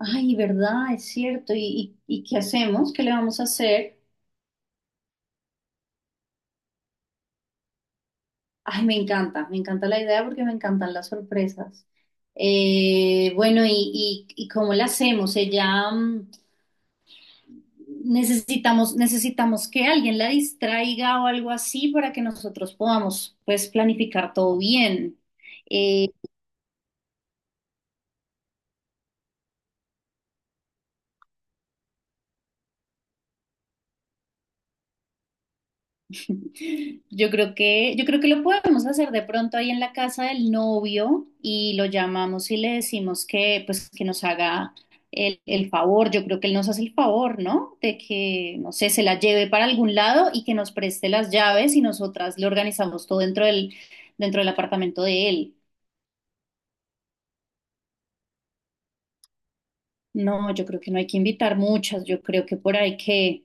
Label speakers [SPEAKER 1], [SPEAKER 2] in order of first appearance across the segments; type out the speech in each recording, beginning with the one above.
[SPEAKER 1] Ay, ¿verdad? Es cierto. ¿Y qué hacemos? ¿Qué le vamos a hacer? Ay, me encanta la idea porque me encantan las sorpresas. Bueno, ¿y cómo la hacemos? Ella, necesitamos, necesitamos que alguien la distraiga o algo así para que nosotros podamos, pues, planificar todo bien. Eh, yo creo que lo podemos hacer de pronto ahí en la casa del novio y lo llamamos y le decimos que, pues, que nos haga el favor. Yo creo que él nos hace el favor, ¿no? De que, no sé, se la lleve para algún lado y que nos preste las llaves y nosotras le organizamos todo dentro del apartamento de él. No, yo creo que no hay que invitar muchas, yo creo que por ahí que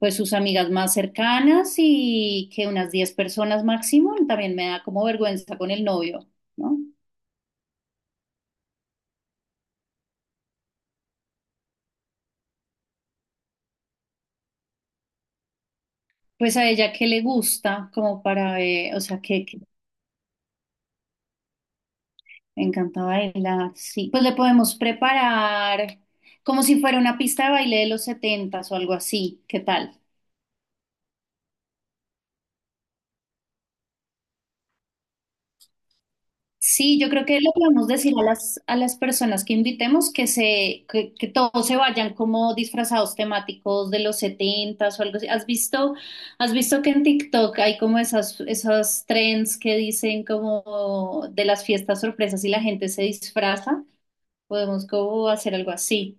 [SPEAKER 1] pues sus amigas más cercanas y que unas 10 personas máximo, también me da como vergüenza con el novio, ¿no? Pues a ella que le gusta, como para, o sea, que me encanta bailar, sí. Pues le podemos preparar como si fuera una pista de baile de los setentas o algo así, ¿qué tal? Sí, yo creo que le podemos decir a las personas que invitemos que todos se vayan como disfrazados temáticos de los setentas o algo así. Has visto que en TikTok hay como esas, esos trends que dicen como de las fiestas sorpresas y la gente se disfraza? Podemos como hacer algo así.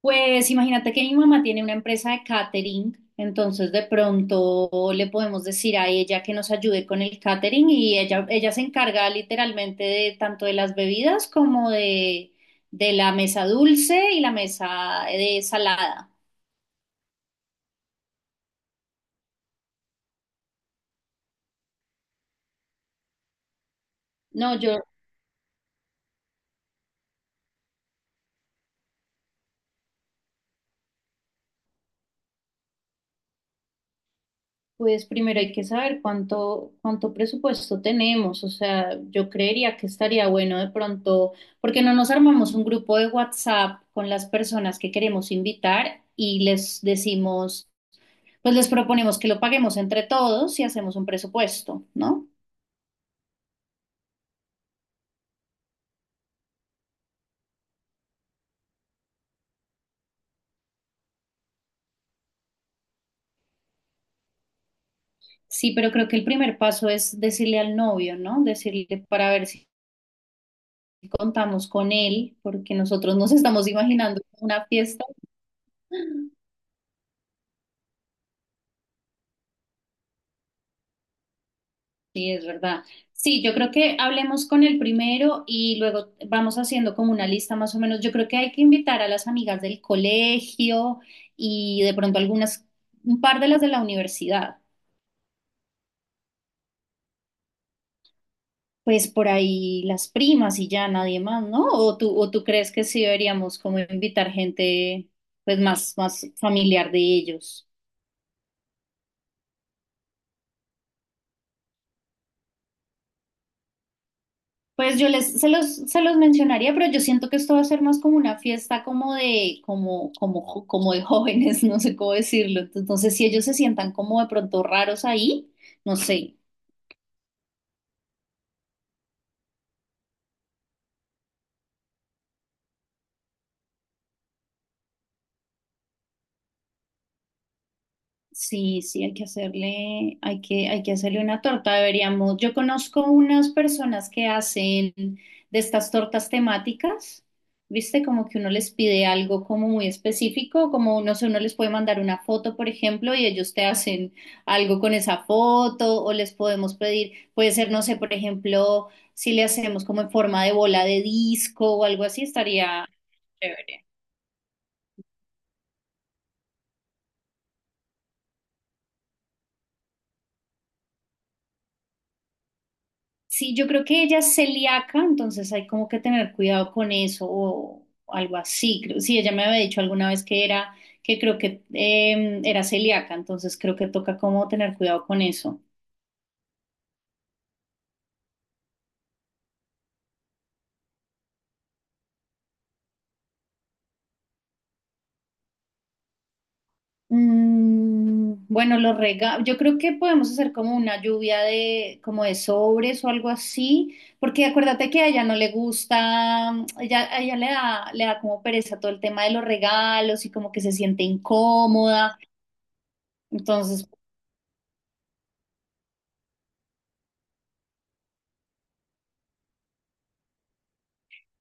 [SPEAKER 1] Pues imagínate que mi mamá tiene una empresa de catering, entonces de pronto le podemos decir a ella que nos ayude con el catering y ella se encarga literalmente de tanto de las bebidas como de la mesa dulce y la mesa de salada. No, yo, pues primero hay que saber cuánto, cuánto presupuesto tenemos, o sea, yo creería que estaría bueno de pronto, porque no nos armamos un grupo de WhatsApp con las personas que queremos invitar y les decimos, pues les proponemos que lo paguemos entre todos y hacemos un presupuesto, ¿no? Sí, pero creo que el primer paso es decirle al novio, ¿no? Decirle para ver si contamos con él, porque nosotros nos estamos imaginando una fiesta. Sí, es verdad. Sí, yo creo que hablemos con el primero y luego vamos haciendo como una lista más o menos. Yo creo que hay que invitar a las amigas del colegio y de pronto algunas, un par de las de la universidad. Pues por ahí las primas y ya nadie más, ¿no? ¿O tú crees que sí deberíamos como invitar gente pues más, más familiar de ellos? Pues yo les, se los mencionaría, pero yo siento que esto va a ser más como una fiesta como de, como como de jóvenes, no sé cómo decirlo. Entonces, si ellos se sientan como de pronto raros ahí, no sé. Sí, sí, hay que hacerle una torta. Deberíamos. Yo conozco unas personas que hacen de estas tortas temáticas, ¿viste? Como que uno les pide algo como muy específico, como no sé, uno les puede mandar una foto, por ejemplo, y ellos te hacen algo con esa foto, o les podemos pedir, puede ser, no sé, por ejemplo, si le hacemos como en forma de bola de disco o algo así, estaría chévere. Sí, yo creo que ella es celíaca, entonces hay como que tener cuidado con eso o algo así. Creo- sí, ella me había dicho alguna vez que era, que creo que era celíaca, entonces creo que toca como tener cuidado con eso. Bueno, los regalos, yo creo que podemos hacer como una lluvia de, como de sobres o algo así, porque acuérdate que a ella no le gusta, ella, a ella le da como pereza todo el tema de los regalos y como que se siente incómoda. Entonces,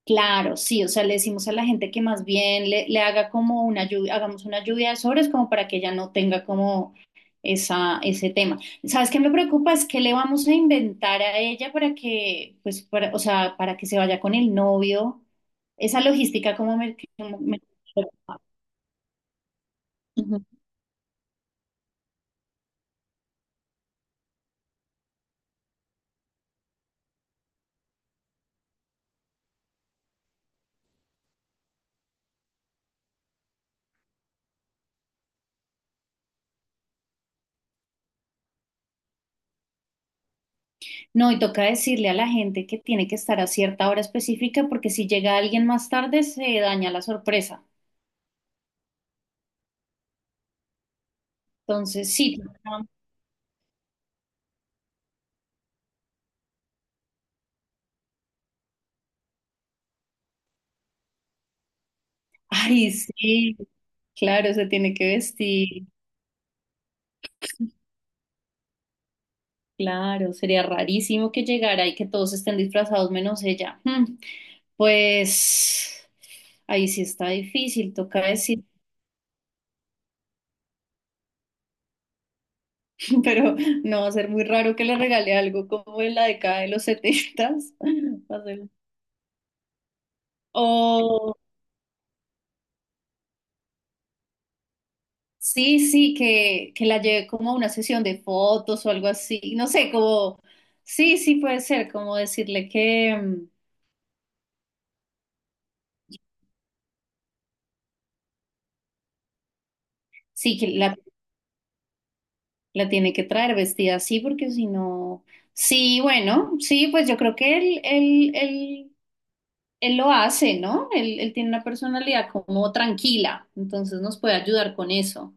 [SPEAKER 1] claro, sí, o sea, le decimos a la gente que más bien le, le haga como una lluvia, hagamos una lluvia de sobres como para que ella no tenga como esa, ese tema. ¿Sabes qué me preocupa? Es que le vamos a inventar a ella para que, pues, para, o sea, para que se vaya con el novio. Esa logística como me- Ujú. No, y toca decirle a la gente que tiene que estar a cierta hora específica porque si llega alguien más tarde se daña la sorpresa. Entonces, sí, ay, sí, claro, se tiene que vestir. Claro, sería rarísimo que llegara y que todos estén disfrazados menos ella. Mm, pues ahí sí está difícil, toca decir, pero no va a ser muy raro que le regale algo como en la década de los setentas. Va a ser- o sí, sí, que la lleve como a una sesión de fotos o algo así. No sé, como sí, sí puede ser, como decirle que sí, que la la tiene que traer vestida así porque si no... Sí, bueno, sí, pues yo creo que él lo hace, ¿no? Él tiene una personalidad como tranquila, entonces nos puede ayudar con eso.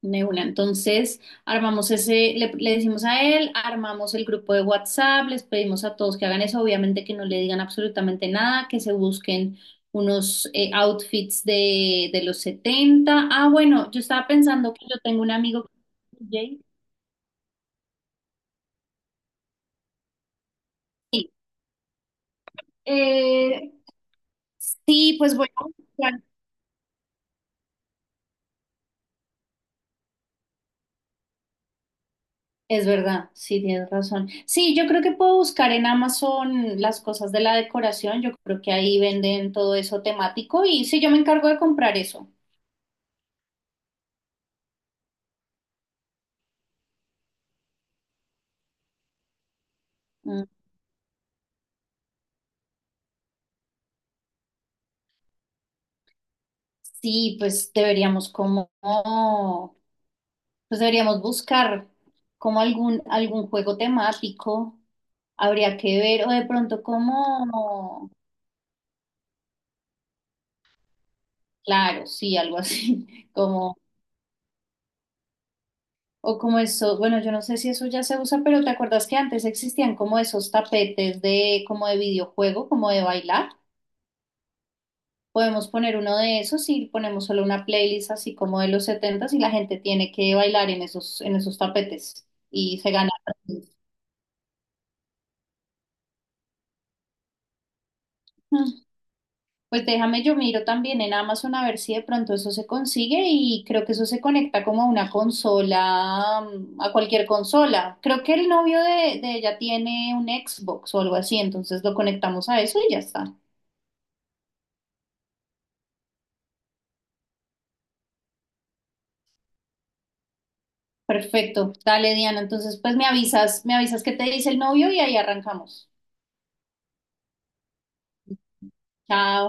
[SPEAKER 1] De una. Entonces, armamos ese, le decimos a él, armamos el grupo de WhatsApp, les pedimos a todos que hagan eso, obviamente que no le digan absolutamente nada, que se busquen unos outfits de los setenta. Ah, bueno, yo estaba pensando que yo tengo un amigo que es DJ. Sí, Eh, sí, pues voy a buscar. Es verdad, sí, tienes razón. Sí, yo creo que puedo buscar en Amazon las cosas de la decoración. Yo creo que ahí venden todo eso temático y sí, yo me encargo de comprar eso. Mm, Sí, pues deberíamos como, pues deberíamos buscar como algún, algún juego temático. Habría que ver, o de pronto como, claro, sí, algo así, como o como eso, bueno, yo no sé si eso ya se usa, pero ¿te acuerdas que antes existían como esos tapetes de como de videojuego, como de bailar? Podemos poner uno de esos y ponemos solo una playlist así como de los setentas y la gente tiene que bailar en esos tapetes y se gana. Pues déjame, yo miro también en Amazon a ver si de pronto eso se consigue y creo que eso se conecta como a una consola, a cualquier consola. Creo que el novio de ella tiene un Xbox o algo así, entonces lo conectamos a eso y ya está. Perfecto. Dale, Diana. Entonces, pues me avisas qué te dice el novio y ahí arrancamos. Chao.